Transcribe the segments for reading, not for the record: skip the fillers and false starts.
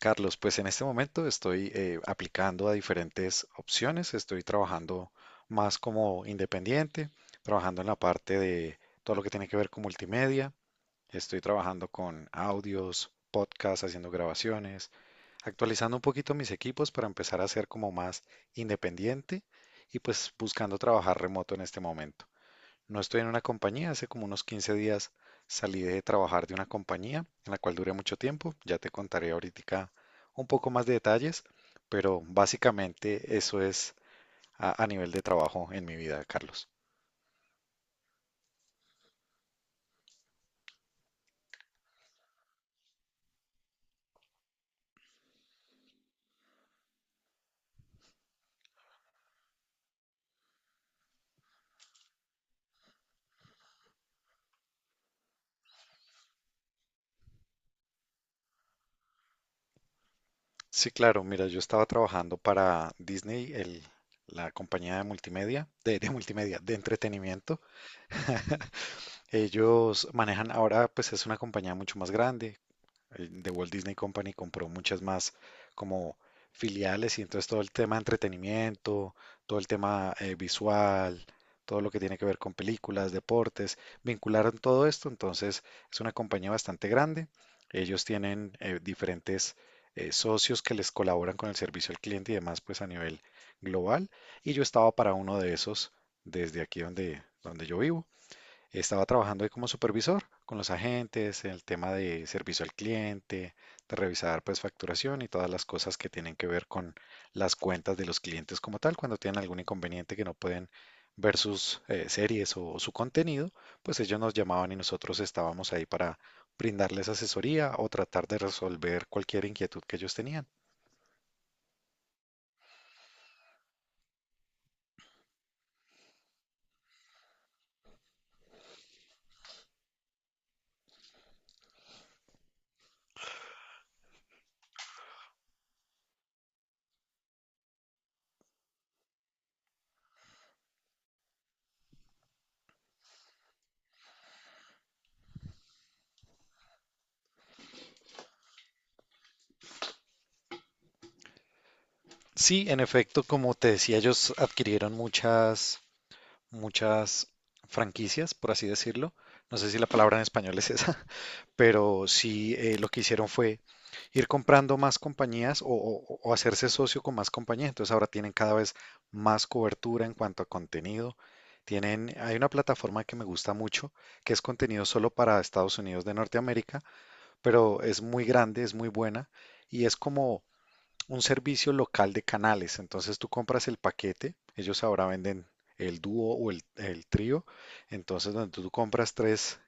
Carlos, pues en este momento estoy aplicando a diferentes opciones, estoy trabajando más como independiente, trabajando en la parte de todo lo que tiene que ver con multimedia, estoy trabajando con audios, podcasts, haciendo grabaciones, actualizando un poquito mis equipos para empezar a ser como más independiente y pues buscando trabajar remoto en este momento. No estoy en una compañía, hace como unos 15 días salí de trabajar de una compañía en la cual duré mucho tiempo, ya te contaré ahorita un poco más de detalles, pero básicamente eso es a nivel de trabajo en mi vida, Carlos. Sí, claro, mira, yo estaba trabajando para Disney, la compañía de multimedia, de multimedia, de entretenimiento. Ellos manejan ahora, pues es una compañía mucho más grande. El de Walt Disney Company compró muchas más como filiales y entonces todo el tema de entretenimiento, todo el tema visual, todo lo que tiene que ver con películas, deportes, vincularon todo esto, entonces es una compañía bastante grande. Ellos tienen diferentes socios que les colaboran con el servicio al cliente y demás, pues a nivel global. Y yo estaba para uno de esos desde aquí donde yo vivo. Estaba trabajando ahí como supervisor con los agentes, en el tema de servicio al cliente, de revisar pues facturación y todas las cosas que tienen que ver con las cuentas de los clientes como tal, cuando tienen algún inconveniente que no pueden ver sus series o su contenido, pues ellos nos llamaban y nosotros estábamos ahí para brindarles asesoría o tratar de resolver cualquier inquietud que ellos tenían. Sí, en efecto, como te decía, ellos adquirieron muchas franquicias, por así decirlo. No sé si la palabra en español es esa, pero sí lo que hicieron fue ir comprando más compañías o hacerse socio con más compañías. Entonces ahora tienen cada vez más cobertura en cuanto a contenido. Tienen, hay una plataforma que me gusta mucho, que es contenido solo para Estados Unidos de Norteamérica, pero es muy grande, es muy buena y es como un servicio local de canales. Entonces tú compras el paquete, ellos ahora venden el dúo o el trío. Entonces donde tú compras tres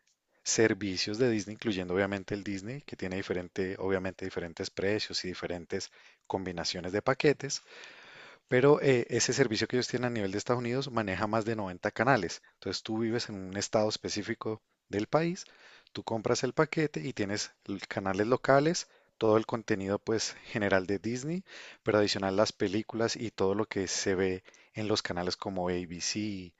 servicios de Disney, incluyendo obviamente el Disney, que tiene diferente, obviamente diferentes precios y diferentes combinaciones de paquetes. Pero ese servicio que ellos tienen a nivel de Estados Unidos maneja más de 90 canales. Entonces tú vives en un estado específico del país, tú compras el paquete y tienes canales locales, todo el contenido pues general de Disney, pero adicional las películas y todo lo que se ve en los canales como ABC,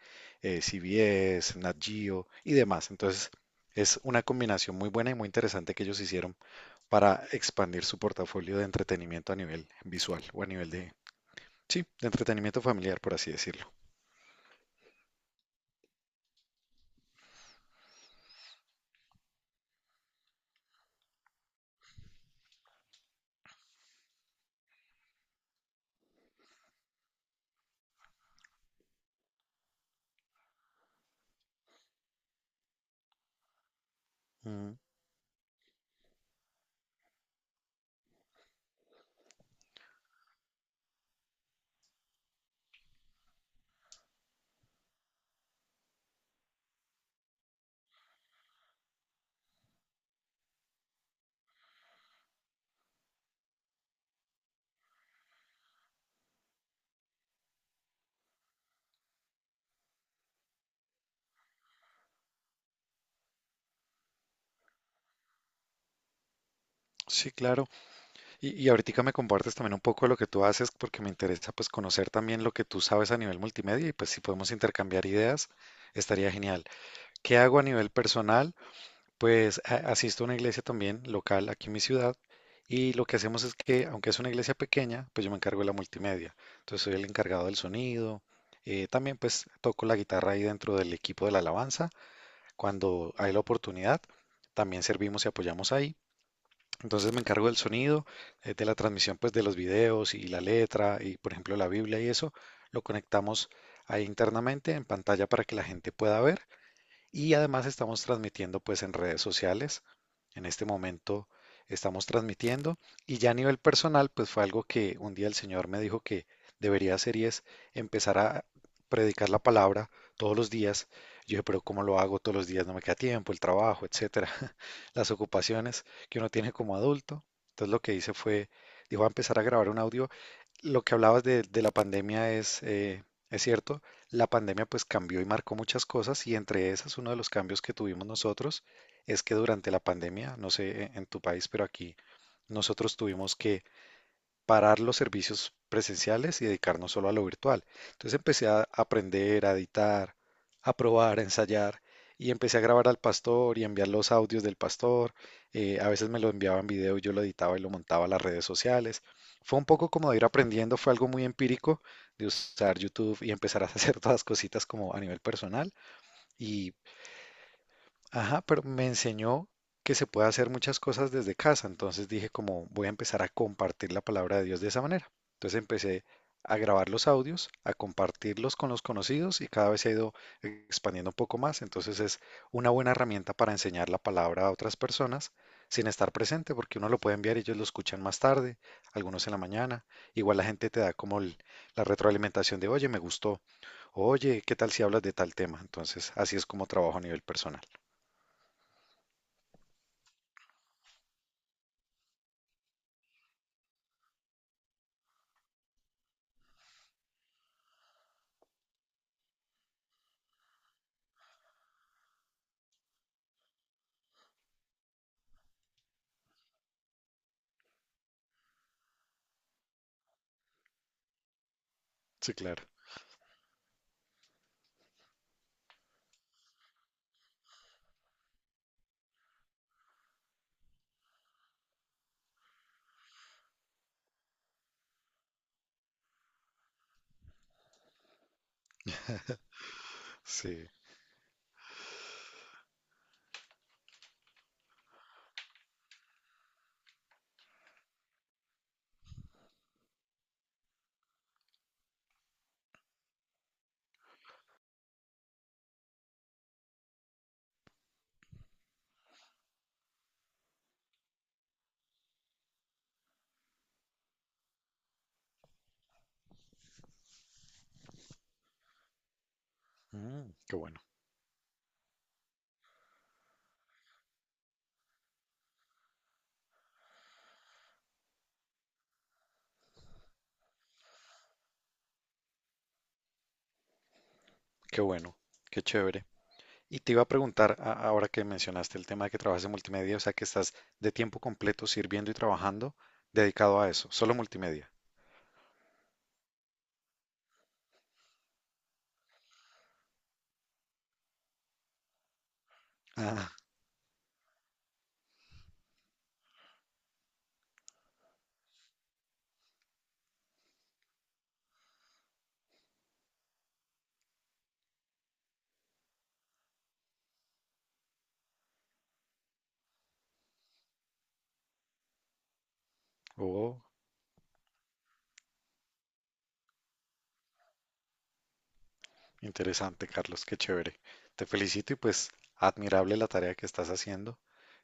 CBS, Nat Geo y demás. Entonces es una combinación muy buena y muy interesante que ellos hicieron para expandir su portafolio de entretenimiento a nivel visual o a nivel de sí, de entretenimiento familiar, por así decirlo. Mm, sí, claro. Y ahorita me compartes también un poco de lo que tú haces, porque me interesa pues conocer también lo que tú sabes a nivel multimedia y pues si podemos intercambiar ideas, estaría genial. ¿Qué hago a nivel personal? Pues asisto a una iglesia también local aquí en mi ciudad y lo que hacemos es que, aunque es una iglesia pequeña, pues yo me encargo de la multimedia. Entonces soy el encargado del sonido. También pues toco la guitarra ahí dentro del equipo de la alabanza cuando hay la oportunidad. También servimos y apoyamos ahí. Entonces me encargo del sonido, de la transmisión pues de los videos y la letra y por ejemplo la Biblia y eso. Lo conectamos ahí internamente en pantalla para que la gente pueda ver. Y además estamos transmitiendo pues en redes sociales. En este momento estamos transmitiendo, y ya a nivel personal pues fue algo que un día el Señor me dijo que debería hacer y es empezar a predicar la palabra todos los días. Yo dije, pero ¿cómo lo hago todos los días? No me queda tiempo, el trabajo, etcétera, las ocupaciones que uno tiene como adulto. Entonces lo que hice fue, dijo, a empezar a grabar un audio. Lo que hablabas de la pandemia es cierto, la pandemia pues cambió y marcó muchas cosas y entre esas uno de los cambios que tuvimos nosotros es que durante la pandemia, no sé en tu país, pero aquí nosotros tuvimos que parar los servicios presenciales y dedicarnos solo a lo virtual. Entonces empecé a aprender, a editar, a probar, a ensayar y empecé a grabar al pastor y a enviar los audios del pastor. A veces me lo enviaba en video y yo lo editaba y lo montaba a las redes sociales. Fue un poco como de ir aprendiendo, fue algo muy empírico de usar YouTube y empezar a hacer todas las cositas como a nivel personal, y ajá, pero me enseñó que se puede hacer muchas cosas desde casa, entonces dije como voy a empezar a compartir la palabra de Dios de esa manera. Entonces empecé a grabar los audios, a compartirlos con los conocidos y cada vez se ha ido expandiendo un poco más, entonces es una buena herramienta para enseñar la palabra a otras personas sin estar presente, porque uno lo puede enviar y ellos lo escuchan más tarde, algunos en la mañana, igual la gente te da como la retroalimentación de, oye, me gustó, oye, ¿qué tal si hablas de tal tema? Entonces así es como trabajo a nivel personal. Sí, claro. Sí. Mm, qué bueno, qué bueno, qué chévere. Y te iba a preguntar, ahora que mencionaste el tema de que trabajas en multimedia, o sea, que estás de tiempo completo sirviendo y trabajando dedicado a eso, solo multimedia. Ah, oh, interesante, Carlos, qué chévere. Te felicito y pues admirable la tarea que estás haciendo.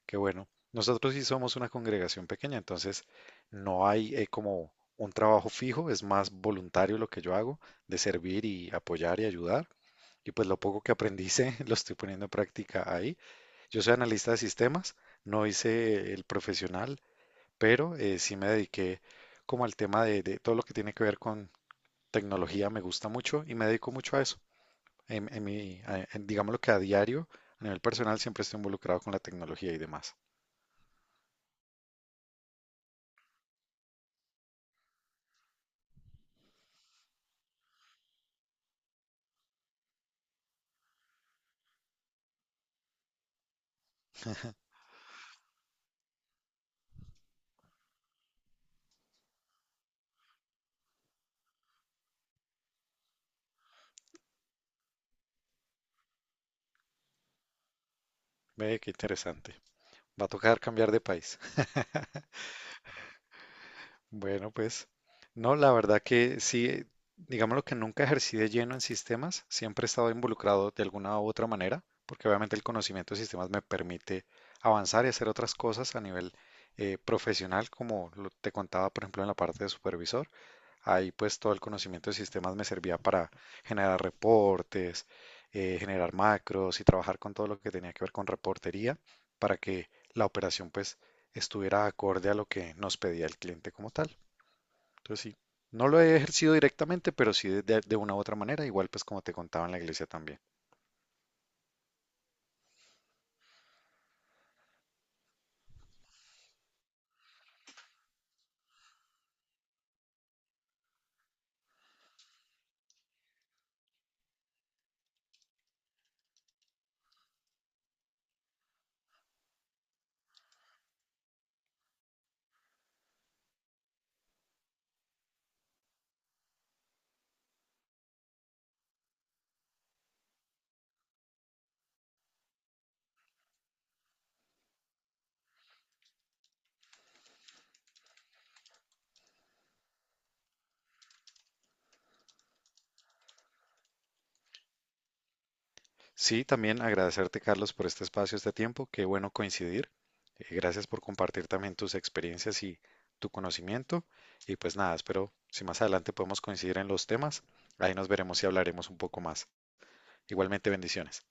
Qué bueno. Nosotros sí somos una congregación pequeña, entonces no hay como un trabajo fijo, es más voluntario lo que yo hago, de servir y apoyar y ayudar. Y pues lo poco que aprendí sé, lo estoy poniendo en práctica ahí. Yo soy analista de sistemas, no hice el profesional, pero sí me dediqué como al tema de todo lo que tiene que ver con tecnología, me gusta mucho y me dedico mucho a eso. En mi, a- en- Digamos lo que a diario, a nivel personal, siempre estoy involucrado con la tecnología y demás. Ve qué interesante. Va a tocar cambiar de país. Bueno, pues no, la verdad que sí, digamos lo que nunca ejercí de lleno en sistemas, siempre he estado involucrado de alguna u otra manera, porque obviamente el conocimiento de sistemas me permite avanzar y hacer otras cosas a nivel profesional, como te contaba, por ejemplo, en la parte de supervisor. Ahí pues todo el conocimiento de sistemas me servía para generar reportes, generar macros y trabajar con todo lo que tenía que ver con reportería para que la operación pues estuviera acorde a lo que nos pedía el cliente como tal. Entonces sí, no lo he ejercido directamente, pero sí una u otra manera, igual pues como te contaba en la iglesia también. Sí, también agradecerte Carlos por este espacio, este tiempo, qué bueno coincidir. Gracias por compartir también tus experiencias y tu conocimiento. Y pues nada, espero si más adelante podemos coincidir en los temas, ahí nos veremos y hablaremos un poco más. Igualmente bendiciones.